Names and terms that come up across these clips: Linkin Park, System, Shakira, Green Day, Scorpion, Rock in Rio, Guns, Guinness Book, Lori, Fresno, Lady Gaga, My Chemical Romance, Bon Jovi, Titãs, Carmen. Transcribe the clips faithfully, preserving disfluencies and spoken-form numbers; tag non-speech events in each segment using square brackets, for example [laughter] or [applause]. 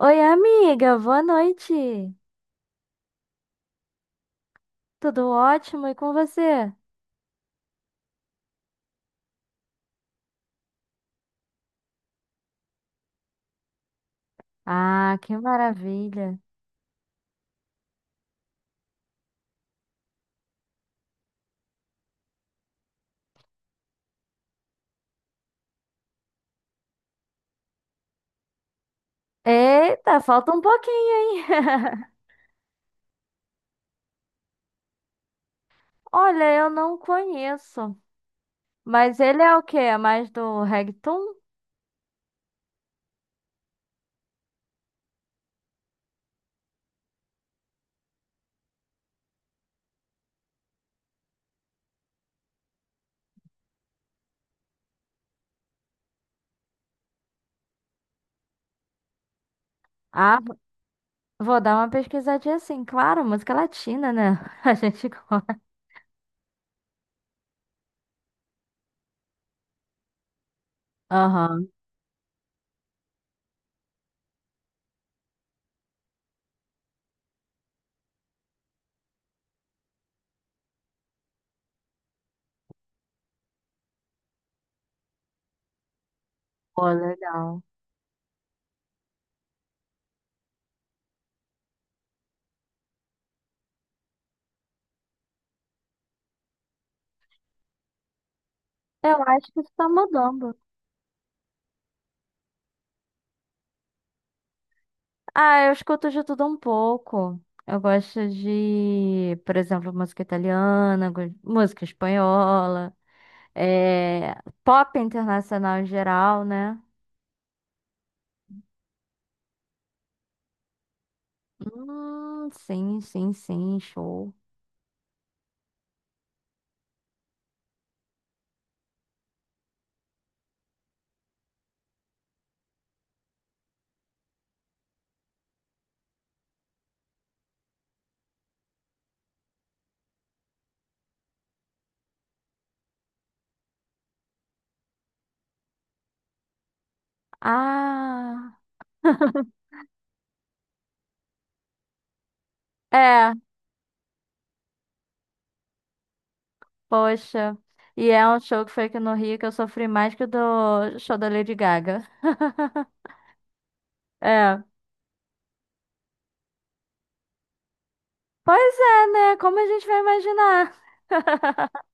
Oi, amiga, boa noite. Tudo ótimo e com você? Ah, que maravilha. Eita, falta um pouquinho, hein? [laughs] Olha, eu não conheço. Mas ele é o quê? É mais do reggaeton? Ah, vou dar uma pesquisadinha assim. Claro, música latina, né? [laughs] A gente gosta. Aham. Pô, legal. Eu acho que isso tá mudando. Ah, eu escuto de tudo um pouco. Eu gosto de, por exemplo, música italiana, go- música espanhola, eh, pop internacional em geral, né? Hum, sim, sim, sim, show. Ah, [laughs] é, poxa. E é um show que foi aqui no Rio que eu sofri mais que o do show da Lady Gaga. [laughs] É. Pois é, né? Como a gente vai imaginar? [laughs]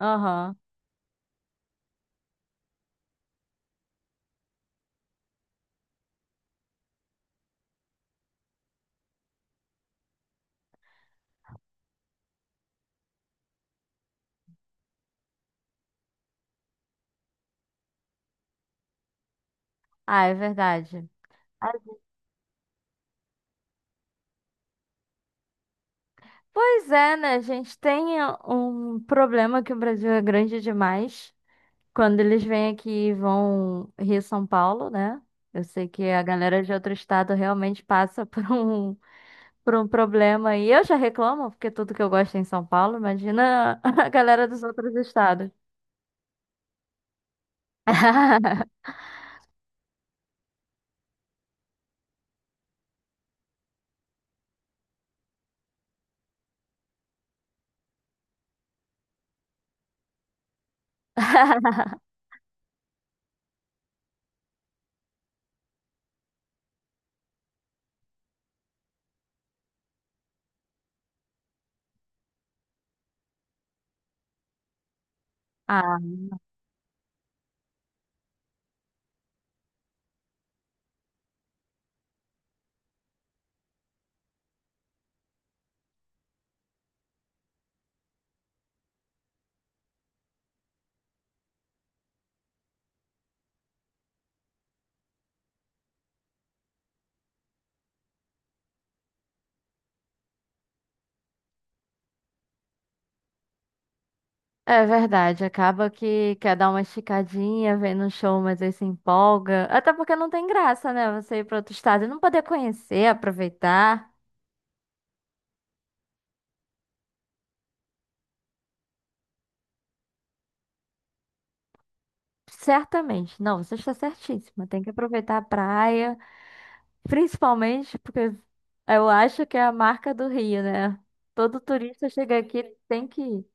Aham. Ah, é verdade. Pois é, né? A gente tem eh, um problema que o Brasil é grande demais. Quando eles vêm aqui e vão Rio São Paulo, né? Eu sei que a galera de outro estado realmente passa [laughs] por um, por um problema. E eu já reclamo, porque tudo que eu gosto é em São Paulo, imagina [laughs] a galera dos outros estados. [laughs] Ah. É verdade, acaba que quer dar uma esticadinha, vem no show, mas aí se empolga. Até porque não tem graça, né? Você ir para outro estado e não poder conhecer, aproveitar. Certamente. Não, você está certíssima. Tem que aproveitar a praia, principalmente porque eu acho que é a marca do Rio, né? Todo turista chega aqui tem que ir.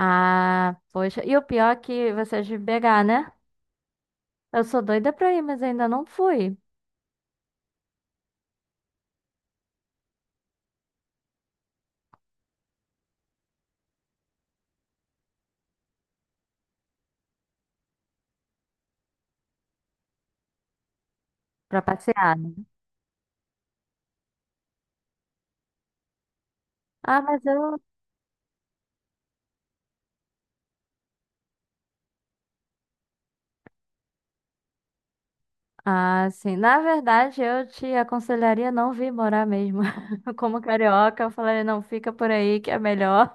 Ah, poxa. E o pior é que você é de B agá, né? Eu sou doida pra ir, mas ainda não fui pra passear, né? Ah, mas eu Ah, sim. Na verdade, eu te aconselharia não vir morar mesmo. [laughs] Como carioca, eu falaria, não, fica por aí que é melhor.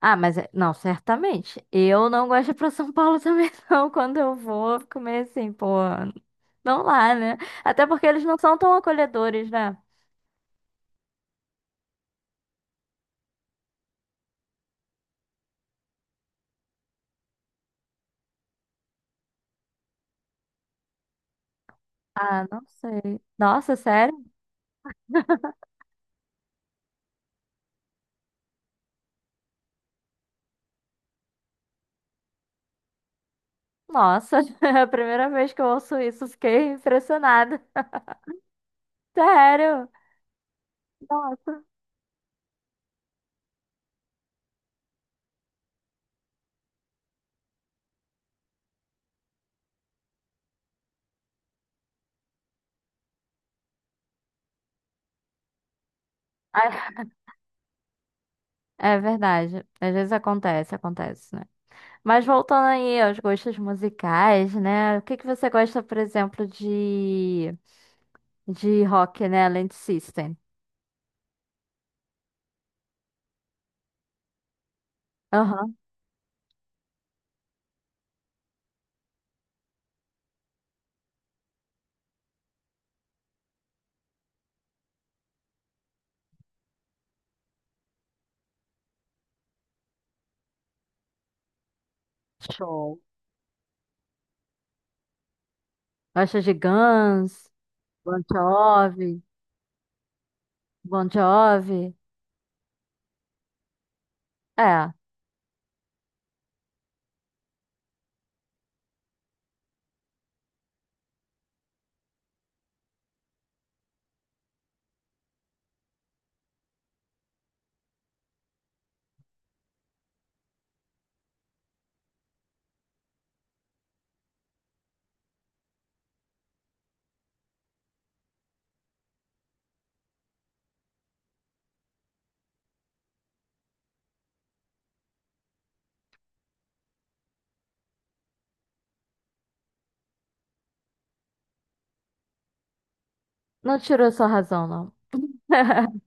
Ah, mas é- não, certamente. Eu não gosto de ir pra São Paulo também, [laughs] não. Quando eu vou, eu fico meio assim, pô, não lá, né? Até porque eles não são tão acolhedores, né? Ah, não sei. Nossa, sério? Nossa, [laughs] é a primeira vez que eu ouço isso, fiquei impressionada. Sério? Nossa. Ai, é verdade. Às vezes acontece, acontece. Mas voltando aí aos gostos musicais, né? O que que você gosta, por exemplo, de, de rock, né? Além de System. Aham. Show. Gosta de Guns, Bon Jovi, Bon Jovi. É, não tirou sua razão, não. [laughs]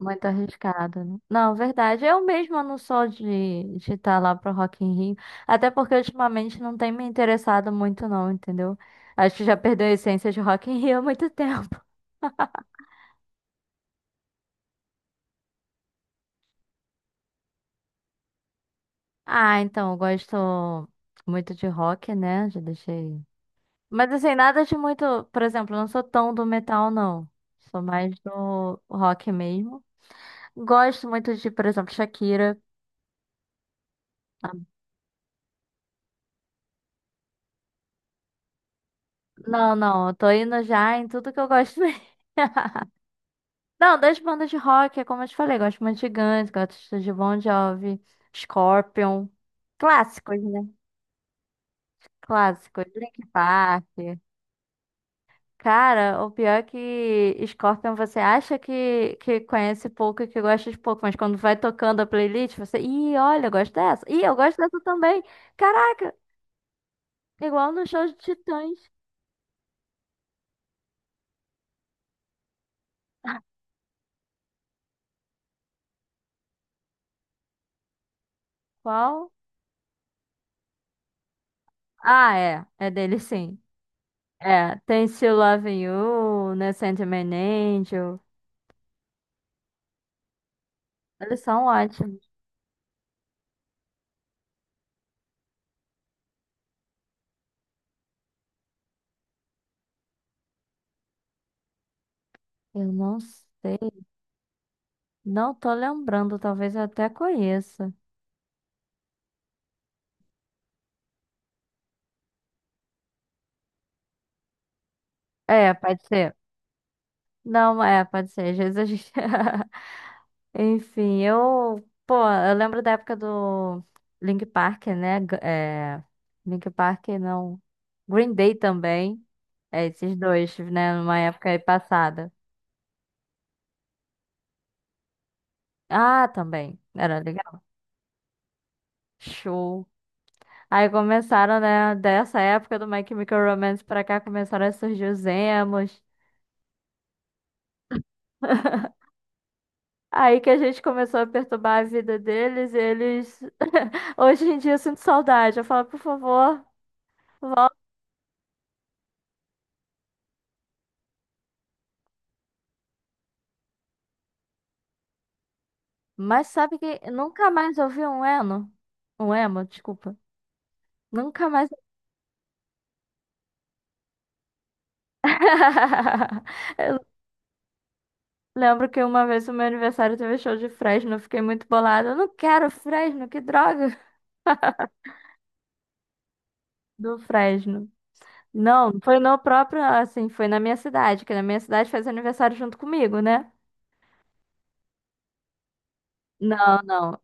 Muito arriscado, né? Não, verdade. Eu mesma não sou de de estar lá pro Rock in Rio. Até porque ultimamente não tem me interessado muito, não, entendeu? Acho que já perdeu a essência de Rock in Rio há muito [laughs] tempo. Ah, então, eu gosto muito de rock, né? Já deixei. Mas assim, nada de muito. Por exemplo, eu não sou tão do metal, não. Sou mais do rock mesmo. Gosto muito de, por exemplo, Shakira. Não, não, eu tô indo já em tudo que eu gosto mesmo. [laughs] Não, das bandas de rock, é como eu te falei, gosto muito de Guns, gosto de Bon Jovi, Scorpion. Clássicos, né? Clássicos. Linkin Park. Cara, o pior é que Scorpion você acha que, que conhece pouco e que gosta de pouco, mas quando vai tocando a playlist, você. Ih, olha, eu gosto dessa. Ih, eu gosto dessa também. Caraca, igual no show de Titãs. Qual? Ah, é. É dele sim. É. Tem Still Loving You, né? Sandman Angel. Eles são ótimos. Eu não sei. Não tô lembrando, talvez eu até conheça. É, pode ser. Não, é, pode ser. Às vezes a gente. [laughs] Enfim, eu, pô, eu lembro da época do Link Park, né? G- É, Link Park não. Green Day também. É, esses dois, né? Numa época aí passada. Ah, também. Era legal. Show. Aí começaram, né? Dessa época do My Chemical Romance pra cá, começaram a surgir os emos. [laughs] Aí que a gente começou a perturbar a vida deles, e eles. [laughs] Hoje em dia eu sinto saudade. Eu falo, por favor. Mas sabe que nunca mais ouvi um eno? Um emo, desculpa. Nunca mais. [laughs] Eu lembro que uma vez o meu aniversário teve show de Fresno, eu fiquei muito bolada. Eu não quero Fresno, que droga [laughs] do Fresno. Não, foi no próprio, assim, foi na minha cidade, que na minha cidade fez aniversário junto comigo, né? Não, não.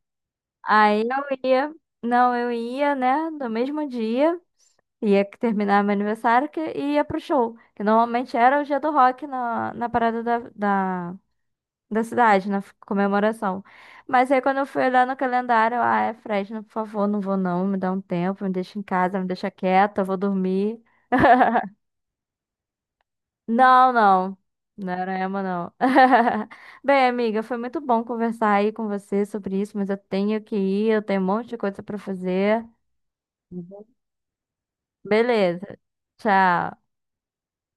Aí eu ia, não, eu ia, né, no mesmo dia. Ia que terminar meu aniversário que e ia pro show. Que normalmente era o dia do rock na, na parada da, da, da cidade, na f- comemoração. Mas aí quando eu fui olhar no calendário, eu, ah, é Fresno, por favor, não vou não, me dá um tempo, me deixa em casa, me deixa quieta, eu vou dormir. [laughs] Não, não. Não era emo, não. [laughs] Bem, amiga, foi muito bom conversar aí com você sobre isso, mas eu tenho que ir, eu tenho um monte de coisa pra fazer. Uhum. Beleza. Tchau.